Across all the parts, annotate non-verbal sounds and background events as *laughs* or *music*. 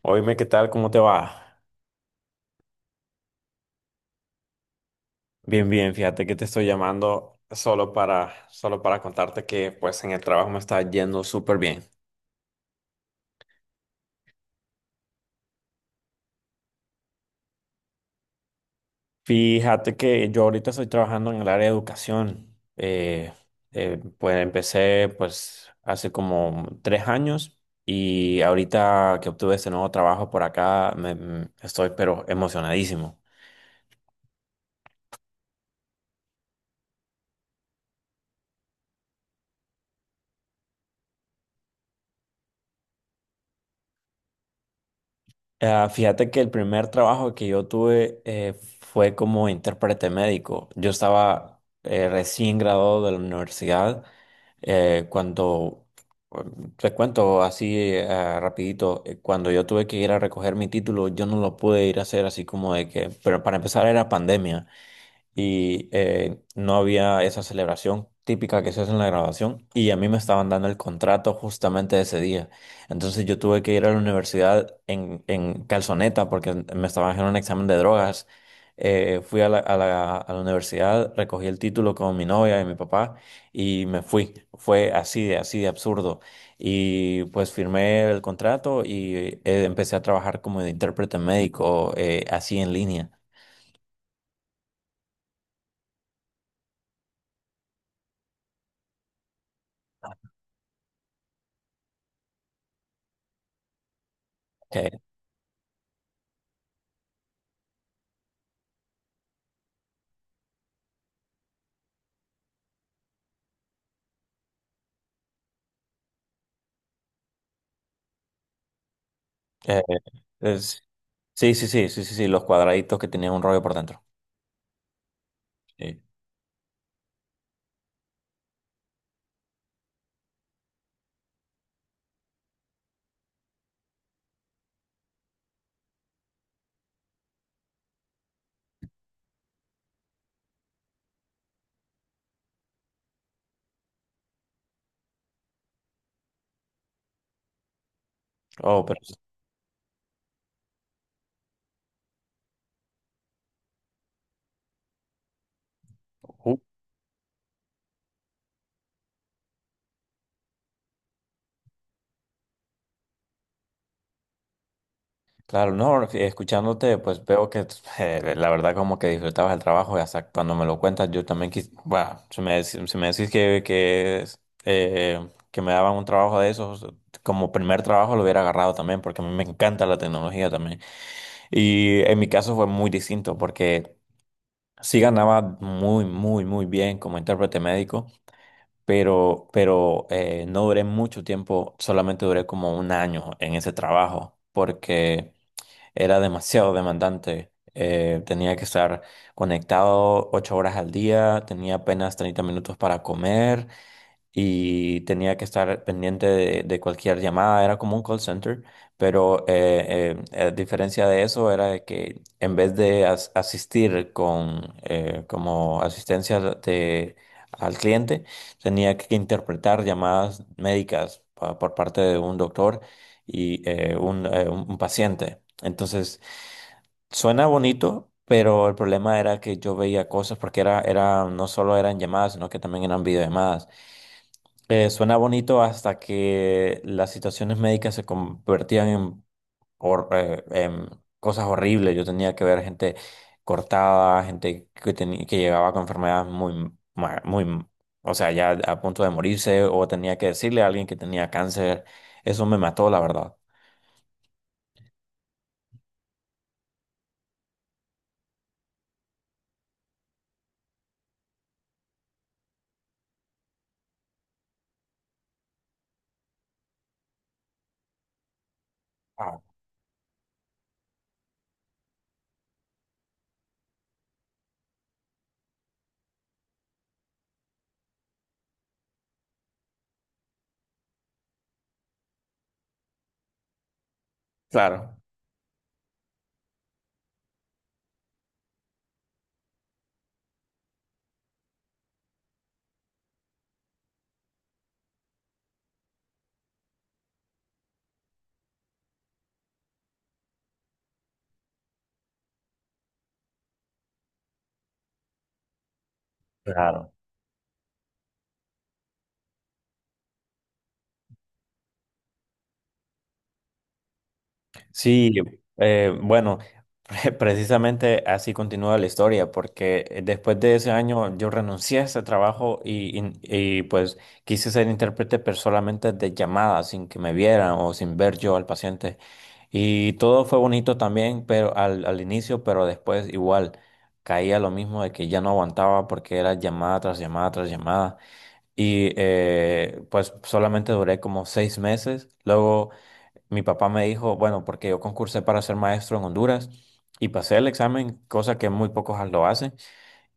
Oíme, ¿qué tal? ¿Cómo te va? Bien, bien, fíjate que te estoy llamando solo para contarte que pues en el trabajo me está yendo súper bien. Fíjate que yo ahorita estoy trabajando en el área de educación. Pues empecé pues hace como 3 años y ahorita que obtuve este nuevo trabajo por acá estoy pero emocionadísimo. Ah, fíjate que el primer trabajo que yo tuve fue como intérprete médico. Yo estaba recién graduado de la universidad eh, cuando, te cuento así rapidito. Cuando yo tuve que ir a recoger mi título, yo no lo pude ir a hacer así como de que, pero para empezar era pandemia y no había esa celebración típica que se hace en la grabación, y a mí me estaban dando el contrato justamente ese día. Entonces yo tuve que ir a la universidad en calzoneta porque me estaban haciendo un examen de drogas. Fui a la universidad, recogí el título con mi novia y mi papá y me fui. Fue así de absurdo. Y pues firmé el contrato y empecé a trabajar como de intérprete médico, así en línea. Eh, eh, es- Sí, sí, sí, sí, sí, sí, los cuadraditos que tenían un rollo por dentro. Sí. Oh, pero ju- claro, no, escuchándote, pues veo que la verdad como que disfrutabas el trabajo, y hasta cuando me lo cuentas, yo también bueno, si me decís que me daban un trabajo de esos, como primer trabajo lo hubiera agarrado también, porque a mí me encanta la tecnología también. Y en mi caso fue muy distinto, porque sí ganaba muy, muy, muy bien como intérprete médico. Pero no duré mucho tiempo, solamente duré como un año en ese trabajo, porque era demasiado demandante. Tenía que estar conectado 8 horas al día, tenía apenas 30 minutos para comer y tenía que estar pendiente de cualquier llamada. Era como un call center, pero a diferencia de eso era de que en vez de asistir con como asistencia de, al cliente, tenía que interpretar llamadas médicas por parte de un doctor y un paciente. Entonces, suena bonito, pero el problema era que yo veía cosas porque no solo eran llamadas, sino que también eran videollamadas. Suena bonito hasta que las situaciones médicas se convertían en, en cosas horribles. Yo tenía que ver gente cortada, gente que tenía, que llegaba con enfermedades muy, o sea, ya a punto de morirse, o tenía que decirle a alguien que tenía cáncer. Eso me mató, la verdad. Claro. Claro. Sí, bueno, *laughs* precisamente así continúa la historia, porque después de ese año yo renuncié a ese trabajo y, pues quise ser intérprete, pero solamente de llamada, sin que me vieran o sin ver yo al paciente. Y todo fue bonito también, pero al inicio, pero después igual caía lo mismo de que ya no aguantaba porque era llamada tras llamada tras llamada. Y pues solamente duré como 6 meses. Luego mi papá me dijo, bueno, porque yo concursé para ser maestro en Honduras y pasé el examen, cosa que muy pocos lo hacen.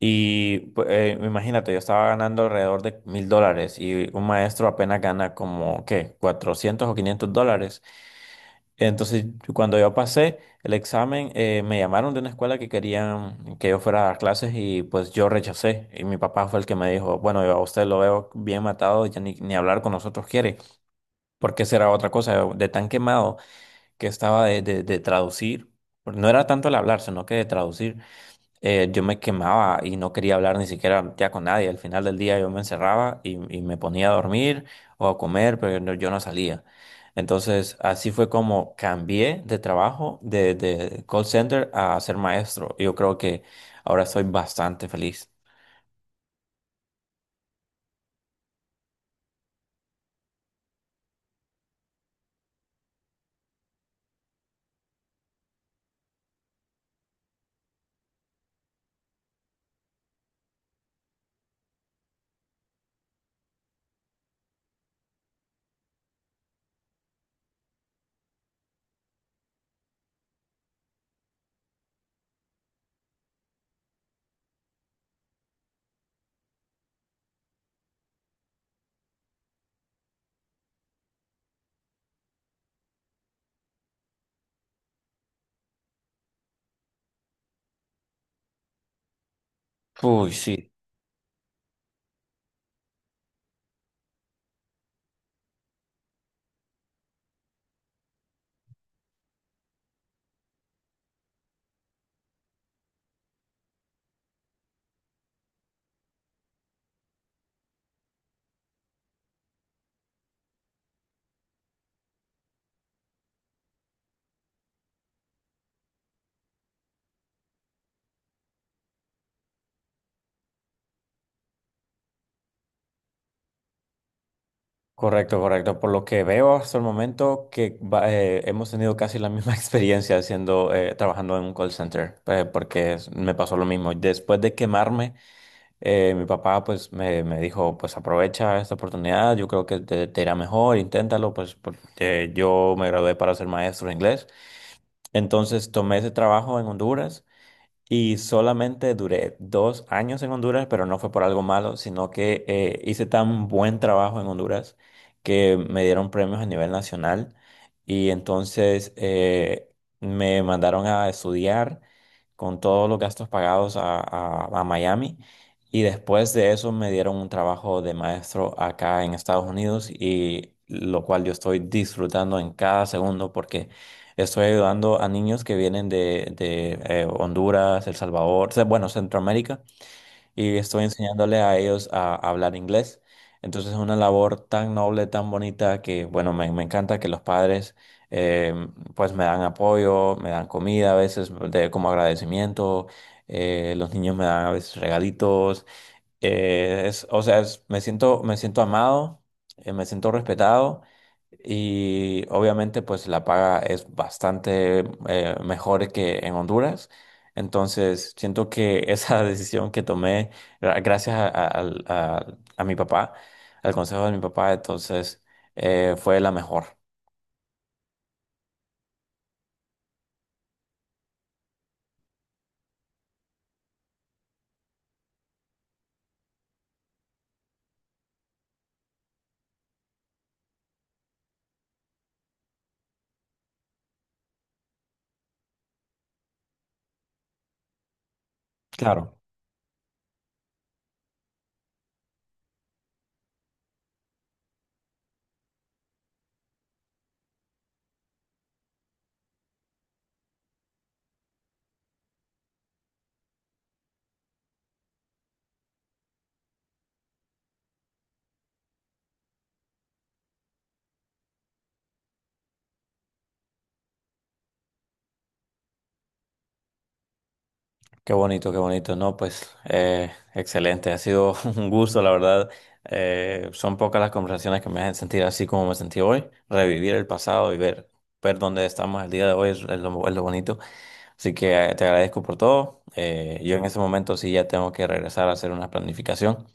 Y imagínate, yo estaba ganando alrededor de $1000, y un maestro apenas gana como, ¿qué? $400 o $500. Entonces, cuando yo pasé el examen, me llamaron de una escuela que querían que yo fuera a dar clases, y pues yo rechacé. Y mi papá fue el que me dijo, bueno, yo a usted lo veo bien matado, ya ni hablar con nosotros quiere, porque será otra cosa, de tan quemado que estaba de traducir. No era tanto el hablar, sino que de traducir. Yo me quemaba y no quería hablar ni siquiera ya con nadie. Al final del día yo me encerraba y me ponía a dormir o a comer, pero yo no salía. Entonces, así fue como cambié de trabajo de call center a ser maestro. Yo creo que ahora soy bastante feliz. Uy, sí. Correcto, correcto. Por lo que veo hasta el momento que hemos tenido casi la misma *laughs* experiencia haciendo, trabajando en un call center, porque me pasó lo mismo. Después de quemarme, mi papá pues me dijo, pues aprovecha esta oportunidad, yo creo que te irá mejor, inténtalo, pues porque yo me gradué para ser maestro de inglés. Entonces tomé ese trabajo en Honduras. Y solamente duré 2 años en Honduras, pero no fue por algo malo, sino que hice tan buen trabajo en Honduras que me dieron premios a nivel nacional. Y entonces me mandaron a estudiar con todos los gastos pagados a Miami, y después de eso me dieron un trabajo de maestro acá en Estados Unidos, y lo cual yo estoy disfrutando en cada segundo porque estoy ayudando a niños que vienen de Honduras, El Salvador, o sea, bueno, Centroamérica, y estoy enseñándole a ellos a hablar inglés. Entonces es una labor tan noble, tan bonita, que bueno, me encanta que los padres eh, pues me dan apoyo, me dan comida a veces de, como agradecimiento, los niños me dan a veces regalitos. Es, o sea, es- Me siento, me siento amado, me siento respetado, y obviamente pues la paga es bastante mejor que en Honduras. Entonces siento que esa *laughs* decisión que tomé gracias a mi papá, al consejo de mi papá, entonces fue la mejor. Claro. Qué bonito, qué bonito. No, pues excelente. Ha sido *laughs* un gusto, la verdad. Son pocas las conversaciones que me hacen sentir así como me sentí hoy. Revivir el pasado y ver, ver dónde estamos el día de hoy es lo bonito. Así que te agradezco por todo. Yo en ese momento sí ya tengo que regresar a hacer una planificación.